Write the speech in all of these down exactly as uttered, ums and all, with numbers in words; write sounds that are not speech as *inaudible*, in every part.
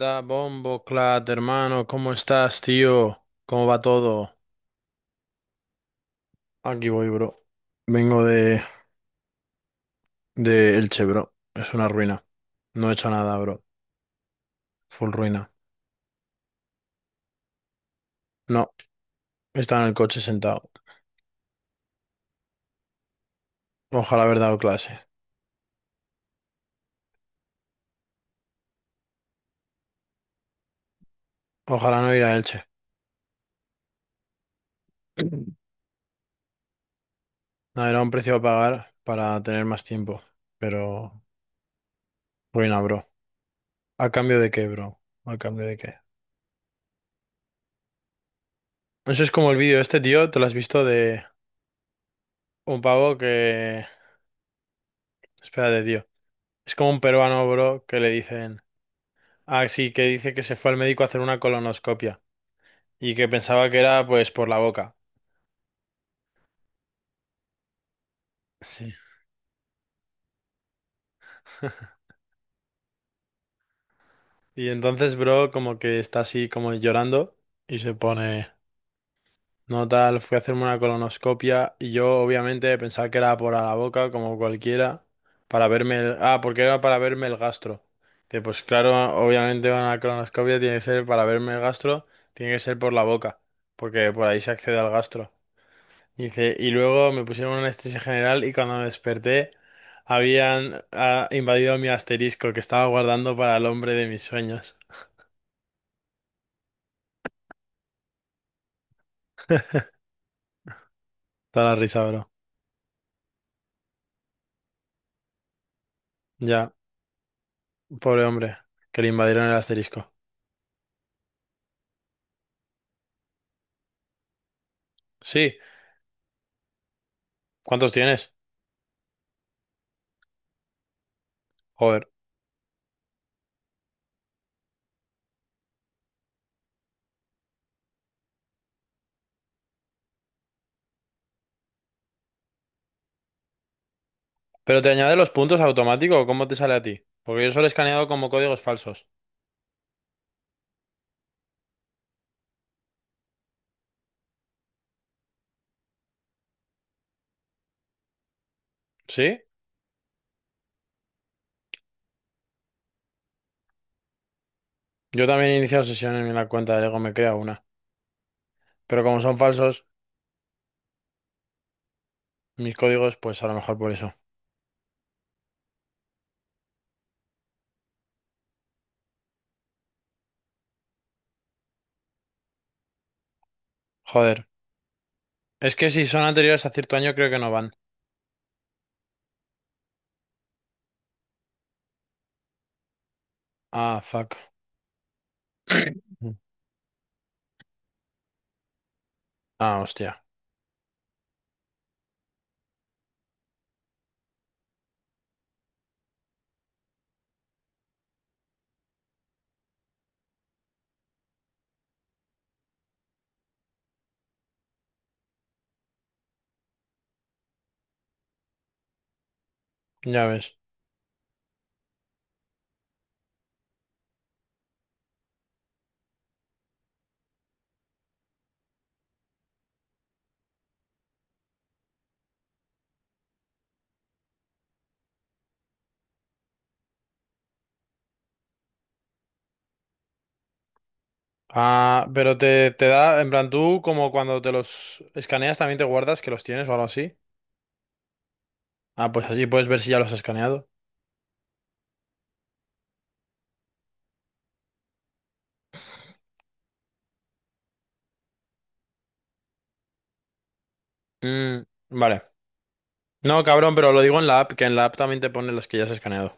Da bombo, Clat, hermano, ¿cómo estás, tío? ¿Cómo va todo? Aquí voy, bro. Vengo de, de Elche, bro. Es una ruina. No he hecho nada, bro. Full ruina. No, está en el coche sentado. Ojalá haber dado clase. Ojalá no ir a Elche. *clears throat* No, era un precio a pagar para tener más tiempo. Pero, ruina, bro. ¿A cambio de qué, bro? ¿A cambio de qué? Eso es como el vídeo este, tío. ¿Te lo has visto de un pavo que... Espérate, tío. Es como un peruano, bro, que le dicen. Ah, sí, que dice que se fue al médico a hacer una colonoscopia y que pensaba que era pues por la boca. Sí. *laughs* Y entonces, bro, como que está así como llorando y se pone, no tal, fui a hacerme una colonoscopia y yo obviamente pensaba que era por a la boca, como cualquiera, para verme el... Ah, porque era para verme el gastro. Dice, pues claro, obviamente una colonoscopia tiene que ser para verme el gastro, tiene que ser por la boca, porque por ahí se accede al gastro. Y, dice- y luego me pusieron una anestesia general y cuando me desperté habían ah, invadido mi asterisco que estaba guardando para el hombre de mis sueños. Da la risa, bro. Ya, pobre hombre, que le invadieron el asterisco. Sí, ¿cuántos tienes? Joder. ¿Pero te añade los puntos automático o cómo te sale a ti? Porque yo solo he escaneado como códigos falsos. ¿Sí? Yo también he iniciado sesión en la cuenta de Lego, me crea una. Pero como son falsos, mis códigos, pues a lo mejor por eso. Joder. Es que si son anteriores a cierto año creo que no van. Ah, fuck. Ah, hostia, ya ves. Ah, pero te, te da, en plan, tú como cuando te los escaneas también te guardas que los tienes o algo así. Ah, pues así puedes ver si ya los has escaneado. Mm, vale. No, cabrón, pero lo digo en la app, que en la app también te pone las que ya has escaneado.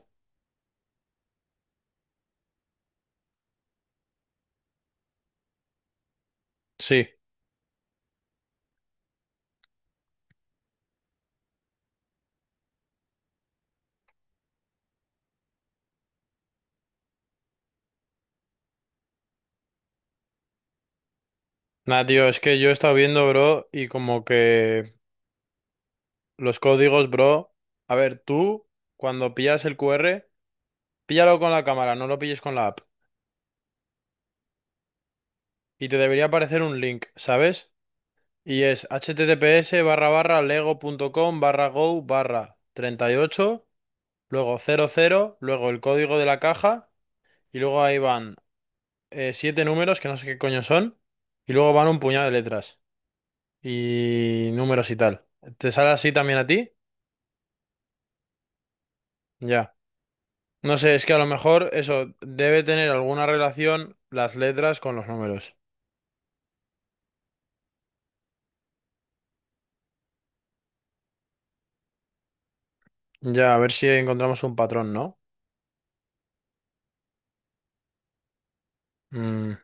Sí. Nada, tío, es que yo he estado viendo, bro, y como que los códigos, bro. A ver, tú, cuando pillas el Q R, píllalo con la cámara, no lo pilles con la app. Y te debería aparecer un link, ¿sabes? Y es https barra barra lego punto com barra go barra treinta y ocho luego cero cero luego el código de la caja, y luego ahí van eh, siete números que no sé qué coño son, y luego van un puñado de letras y números y tal. ¿Te sale así también a ti? Ya. No sé, es que a lo mejor eso debe tener alguna relación las letras con los números. Ya, a ver si encontramos un patrón, ¿no? Mm,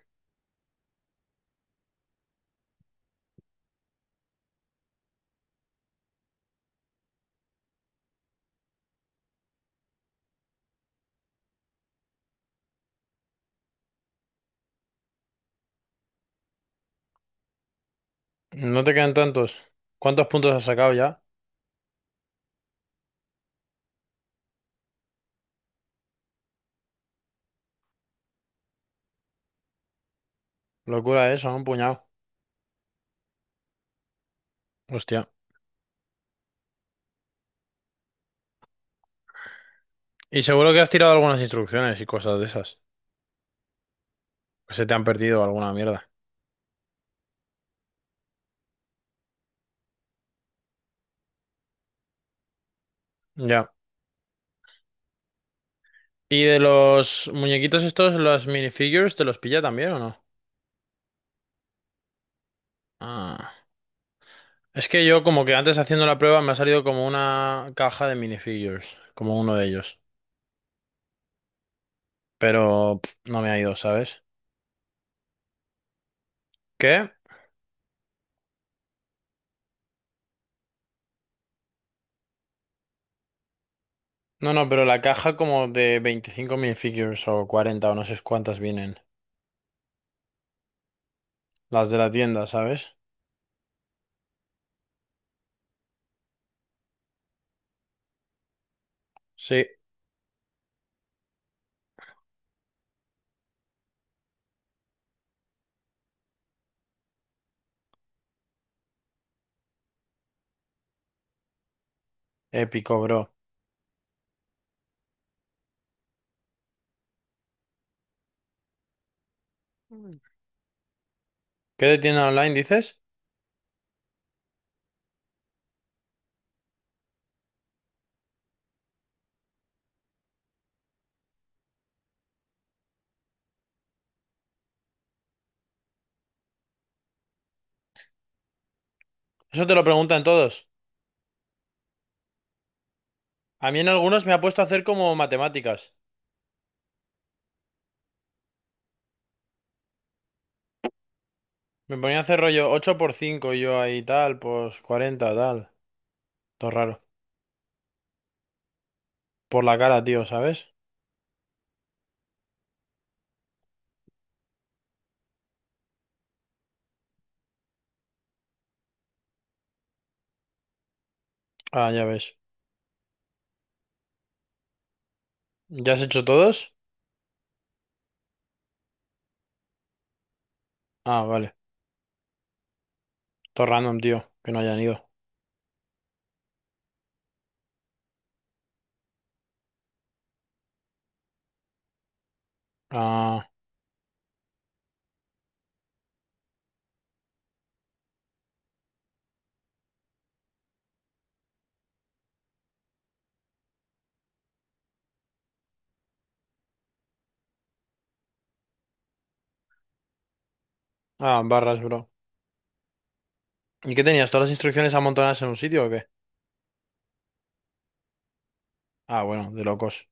no te quedan tantos. ¿Cuántos puntos has sacado ya? Locura eso, un puñado. Hostia. Y seguro que has tirado algunas instrucciones y cosas de esas. Que se te han perdido alguna mierda. Ya. ¿Y de los muñequitos estos, los minifigures, te los pilla también o no? Ah. Es que yo como que antes haciendo la prueba me ha salido como una caja de minifigures, como uno de ellos. Pero pff, no me ha ido, ¿sabes? ¿Qué? No, no, pero la caja como de veinticinco minifigures o cuarenta o no sé cuántas vienen. Las de la tienda, ¿sabes? Sí, épico, bro. ¿Qué de tienda online dices? Eso te lo preguntan todos. A mí en algunos me ha puesto a hacer como matemáticas. Me ponía a hacer rollo ocho por cinco y yo ahí tal, pues cuarenta tal. Todo raro. Por la cara, tío, ¿sabes? Ah, ya ves. ¿Ya has hecho todos? Ah, vale. Todo random, tío, que no hayan ido. Ah, ah, barras, bro. ¿Y qué tenías? ¿Todas las instrucciones amontonadas en un sitio o qué? Ah, bueno, de locos.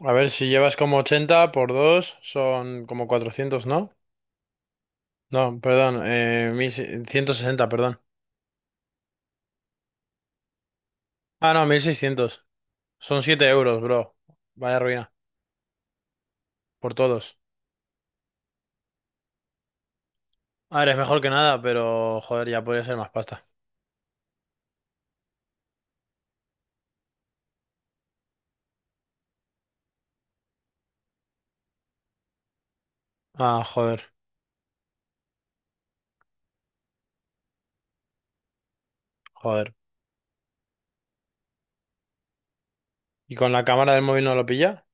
A ver, si llevas como ochenta por dos son como cuatrocientos, ¿no? No, perdón, eh, mil ciento sesenta, perdón. Ah, no, mil seiscientos. Son siete euros, bro. Vaya ruina. Por todos. A ver, es mejor que nada, pero joder, ya podría ser más pasta. Ah, joder, joder. ¿Y con la cámara del móvil no lo pilla?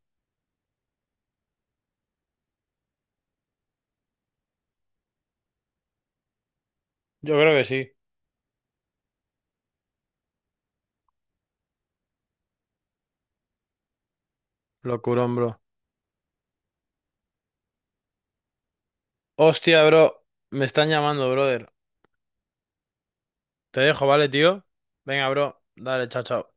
Yo creo que sí. Locurón, bro. Hostia, bro. Me están llamando, brother. Te dejo, ¿vale, tío? Venga, bro. Dale, chao, chao.